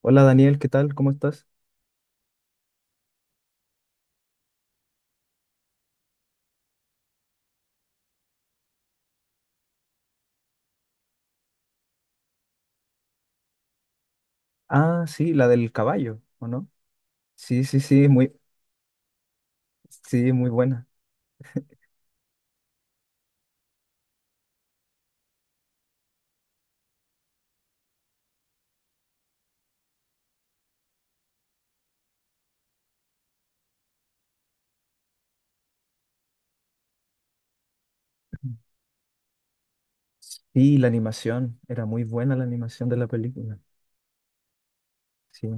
Hola Daniel, ¿qué tal? ¿Cómo estás? Ah, sí, la del caballo, ¿o no? Sí, sí, sí, muy, sí, muy buena. Y la animación, era muy buena la animación de la película. Sí,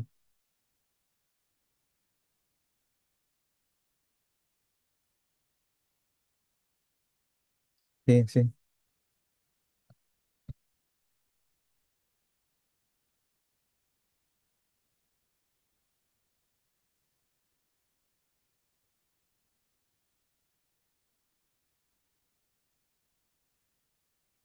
sí, sí.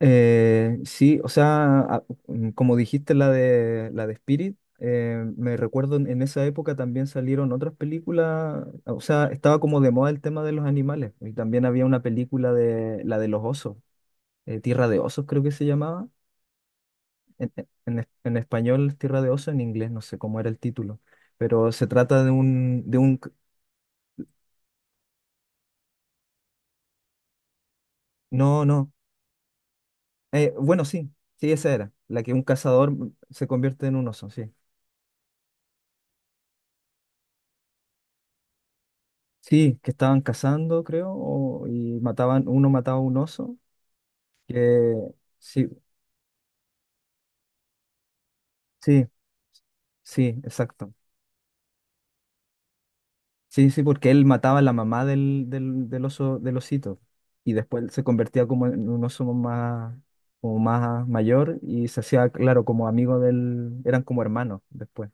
Sí, o sea, como dijiste la de Spirit, me recuerdo en esa época también salieron otras películas, o sea, estaba como de moda el tema de los animales y también había una película de la de los osos, Tierra de Osos creo que se llamaba. En, en español, Tierra de Oso, en inglés, no sé cómo era el título, pero se trata de un, no, no, bueno, sí, sí, esa era, la que un cazador se convierte en un oso, sí. Sí, que estaban cazando, creo, y mataban, uno mataba a un oso, que, sí, sí, sí, exacto. Sí, sí, porque él mataba a la mamá del oso, del osito. Y después se convertía como en un oso más, como más mayor y se hacía, claro, como amigo del, eran como hermanos después.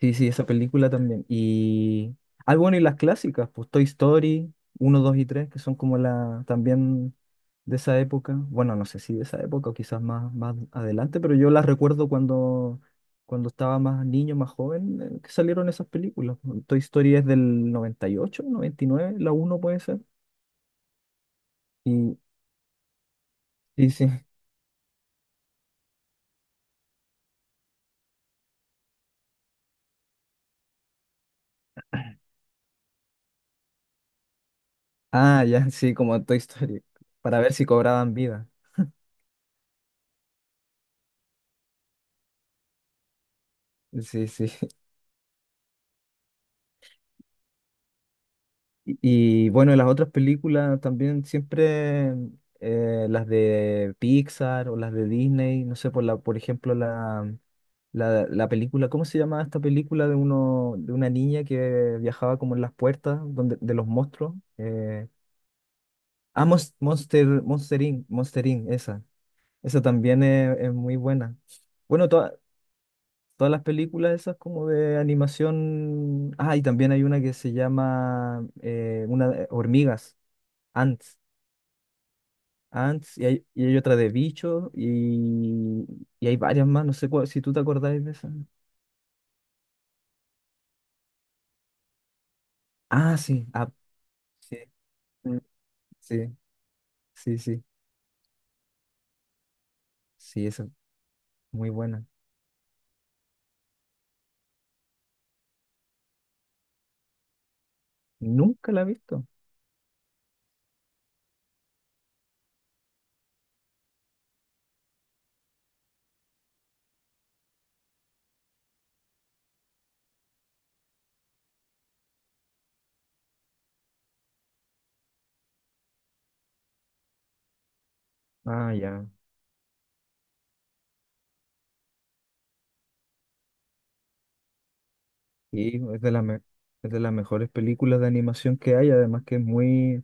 Sí, sí, esa película también. Y. Ah, bueno, y las clásicas, pues Toy Story uno 2 y 3 que son como la también de esa época. Bueno, no sé si de esa época o quizás más, más adelante, pero yo las recuerdo cuando, cuando estaba más niño, más joven, que salieron esas películas. Toy Story es del 90 98 99 la uno puede ser. Y sí, sí. Ah, ya, sí, como Toy Story, para ver si cobraban vida. Sí, sí. Y, y, bueno, las otras películas también siempre, las de Pixar o las de Disney, no sé, por ejemplo, la película, ¿cómo se llama esta película de una niña que viajaba como en las puertas donde, de los monstruos? Monster, Monster Inc, esa. Esa también es muy buena. Bueno, todas las películas esas como de animación. Ah, y también hay una que se llama una, Hormigas. Ants. Ants y hay, otra de bicho y hay varias más, no sé si tú te acordáis de esa. Ah, sí, ah, sí, mm, sí, sí, sí, sí, esa es muy buena. Nunca la he visto. Ah, ya. Sí, es de las mejores películas de animación que hay, además que es muy,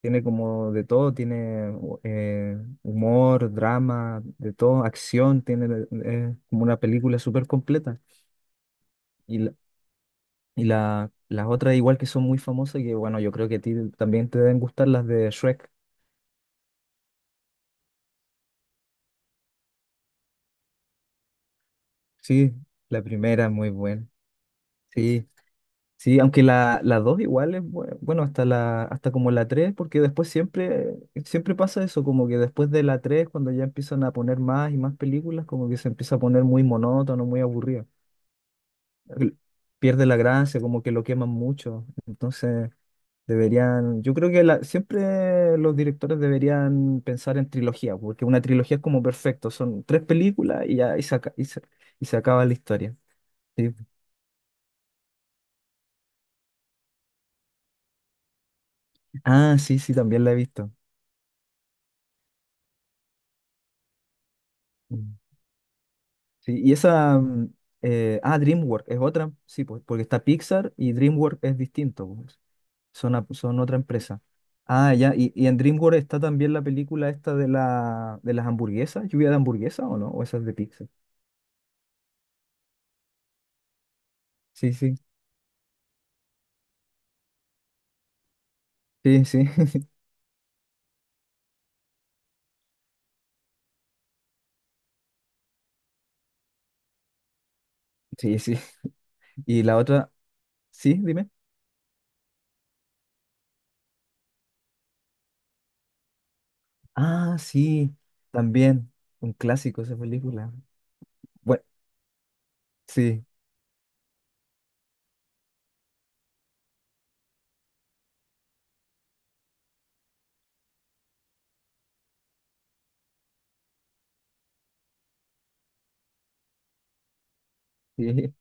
tiene como de todo, tiene humor, drama, de todo, acción, tiene como una película súper completa. y las otras igual que son muy famosas, que bueno, yo creo que a ti también te deben gustar las de Shrek. Sí, la primera es muy buena. Sí, sí, aunque la dos igual es bueno, hasta hasta como la tres, porque después siempre, siempre pasa eso, como que después de la tres, cuando ya empiezan a poner más y más películas, como que se empieza a poner muy monótono, muy aburrido. El- Pierde la gracia, como que lo queman mucho. Entonces. Deberían, yo creo siempre los directores deberían pensar en trilogía, porque una trilogía es como perfecto, son tres películas y ya y se acaba la historia. Sí. Ah, sí, sí, también la he visto. Mm. Sí, y esa, DreamWorks es otra, sí, pues, porque está Pixar y DreamWorks es distinto, pues, son otra empresa. Ah, ya, y en DreamWorks está también la película esta de las hamburguesas, lluvia de hamburguesas o no, o esa es de Pixar. Sí, sí, sí, sí. Sí, sí. Y la otra, sí, dime. Ah, sí, también, un clásico esa película. Bueno, sí, sí,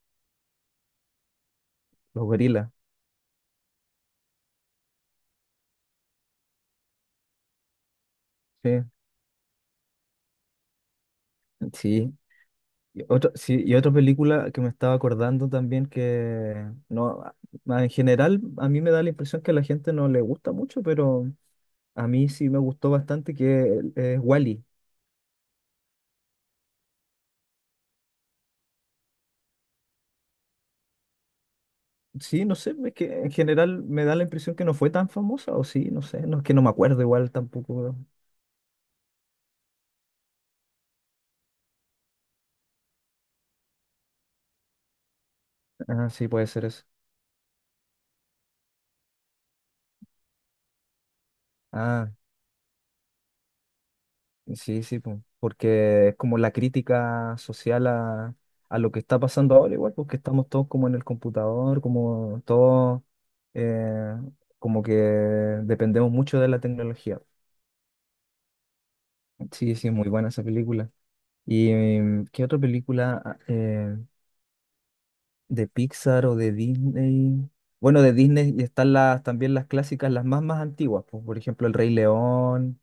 Los Gorilas, sí, sí. Y otra, sí, y otra película que me estaba acordando también que no, en general a mí me da la impresión que a la gente no le gusta mucho, pero a mí sí me gustó bastante que es Wally. Sí, no sé, es que en general me da la impresión que no fue tan famosa, o sí, no sé, no es que no me acuerdo igual tampoco. Ah, sí, puede ser eso. Ah. Sí, sí, po, porque es como la crítica social a lo que está pasando ahora, igual, porque estamos todos como en el computador, como todos, eh, como que dependemos mucho de la tecnología. Sí, sí, muy buena esa película. ¿Y qué otra película de Pixar o de Disney? Bueno, de Disney están las, también las clásicas, las más, más antiguas, po, por ejemplo, El Rey León,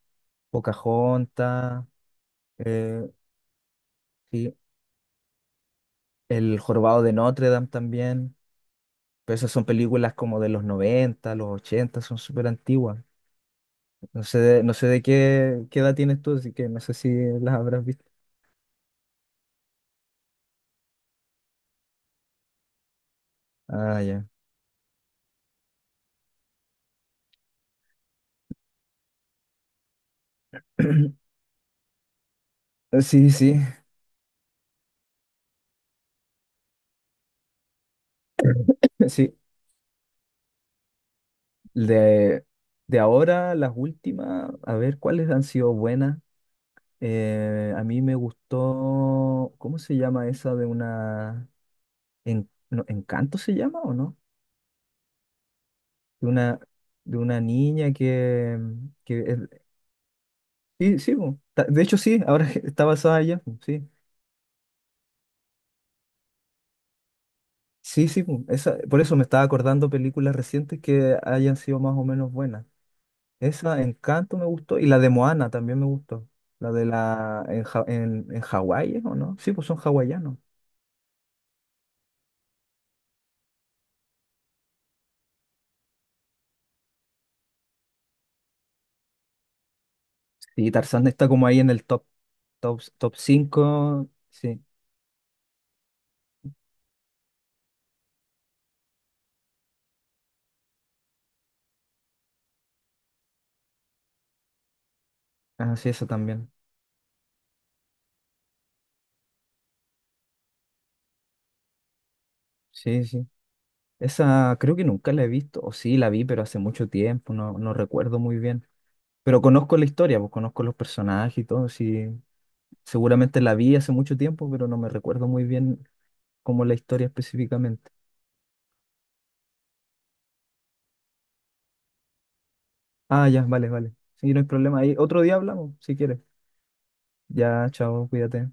Pocahontas. Eh, sí. El Jorobado de Notre Dame también. Pero esas son películas como de los 90 los 80 son súper antiguas. No sé de, no sé de qué, qué edad tienes tú, así que no sé si las habrás visto. Ah, ya. Sí, sí, sí. De, de ahora, las últimas, a ver cuáles han sido buenas. A mí me gustó, ¿cómo se llama esa de una... no, ¿Encanto se llama o no? De una, de una niña que es, sí, sí, po. De hecho, sí, ahora que está basada allá, po, sí. Sí, sí, po. Esa, por eso me estaba acordando películas recientes que hayan sido más o menos buenas. Esa, Encanto, me gustó, y la de Moana también me gustó. La de la en, Ja- en Hawái, ¿es ¿o no? Sí, pues son hawaianos. Sí, Tarzán está como ahí en el top 5, sí, ah, sí, esa también. Sí, sí. Esa creo que nunca la he visto, o sí, la vi, pero hace mucho tiempo, no, no recuerdo muy bien. Pero conozco la historia, pues conozco los personajes y todo, sí, seguramente la vi hace mucho tiempo, pero no me recuerdo muy bien cómo la historia específicamente. Ah, ya, vale, vale. Sí, no hay problema. Ahí otro día hablamos, si quieres. Ya, chao, cuídate.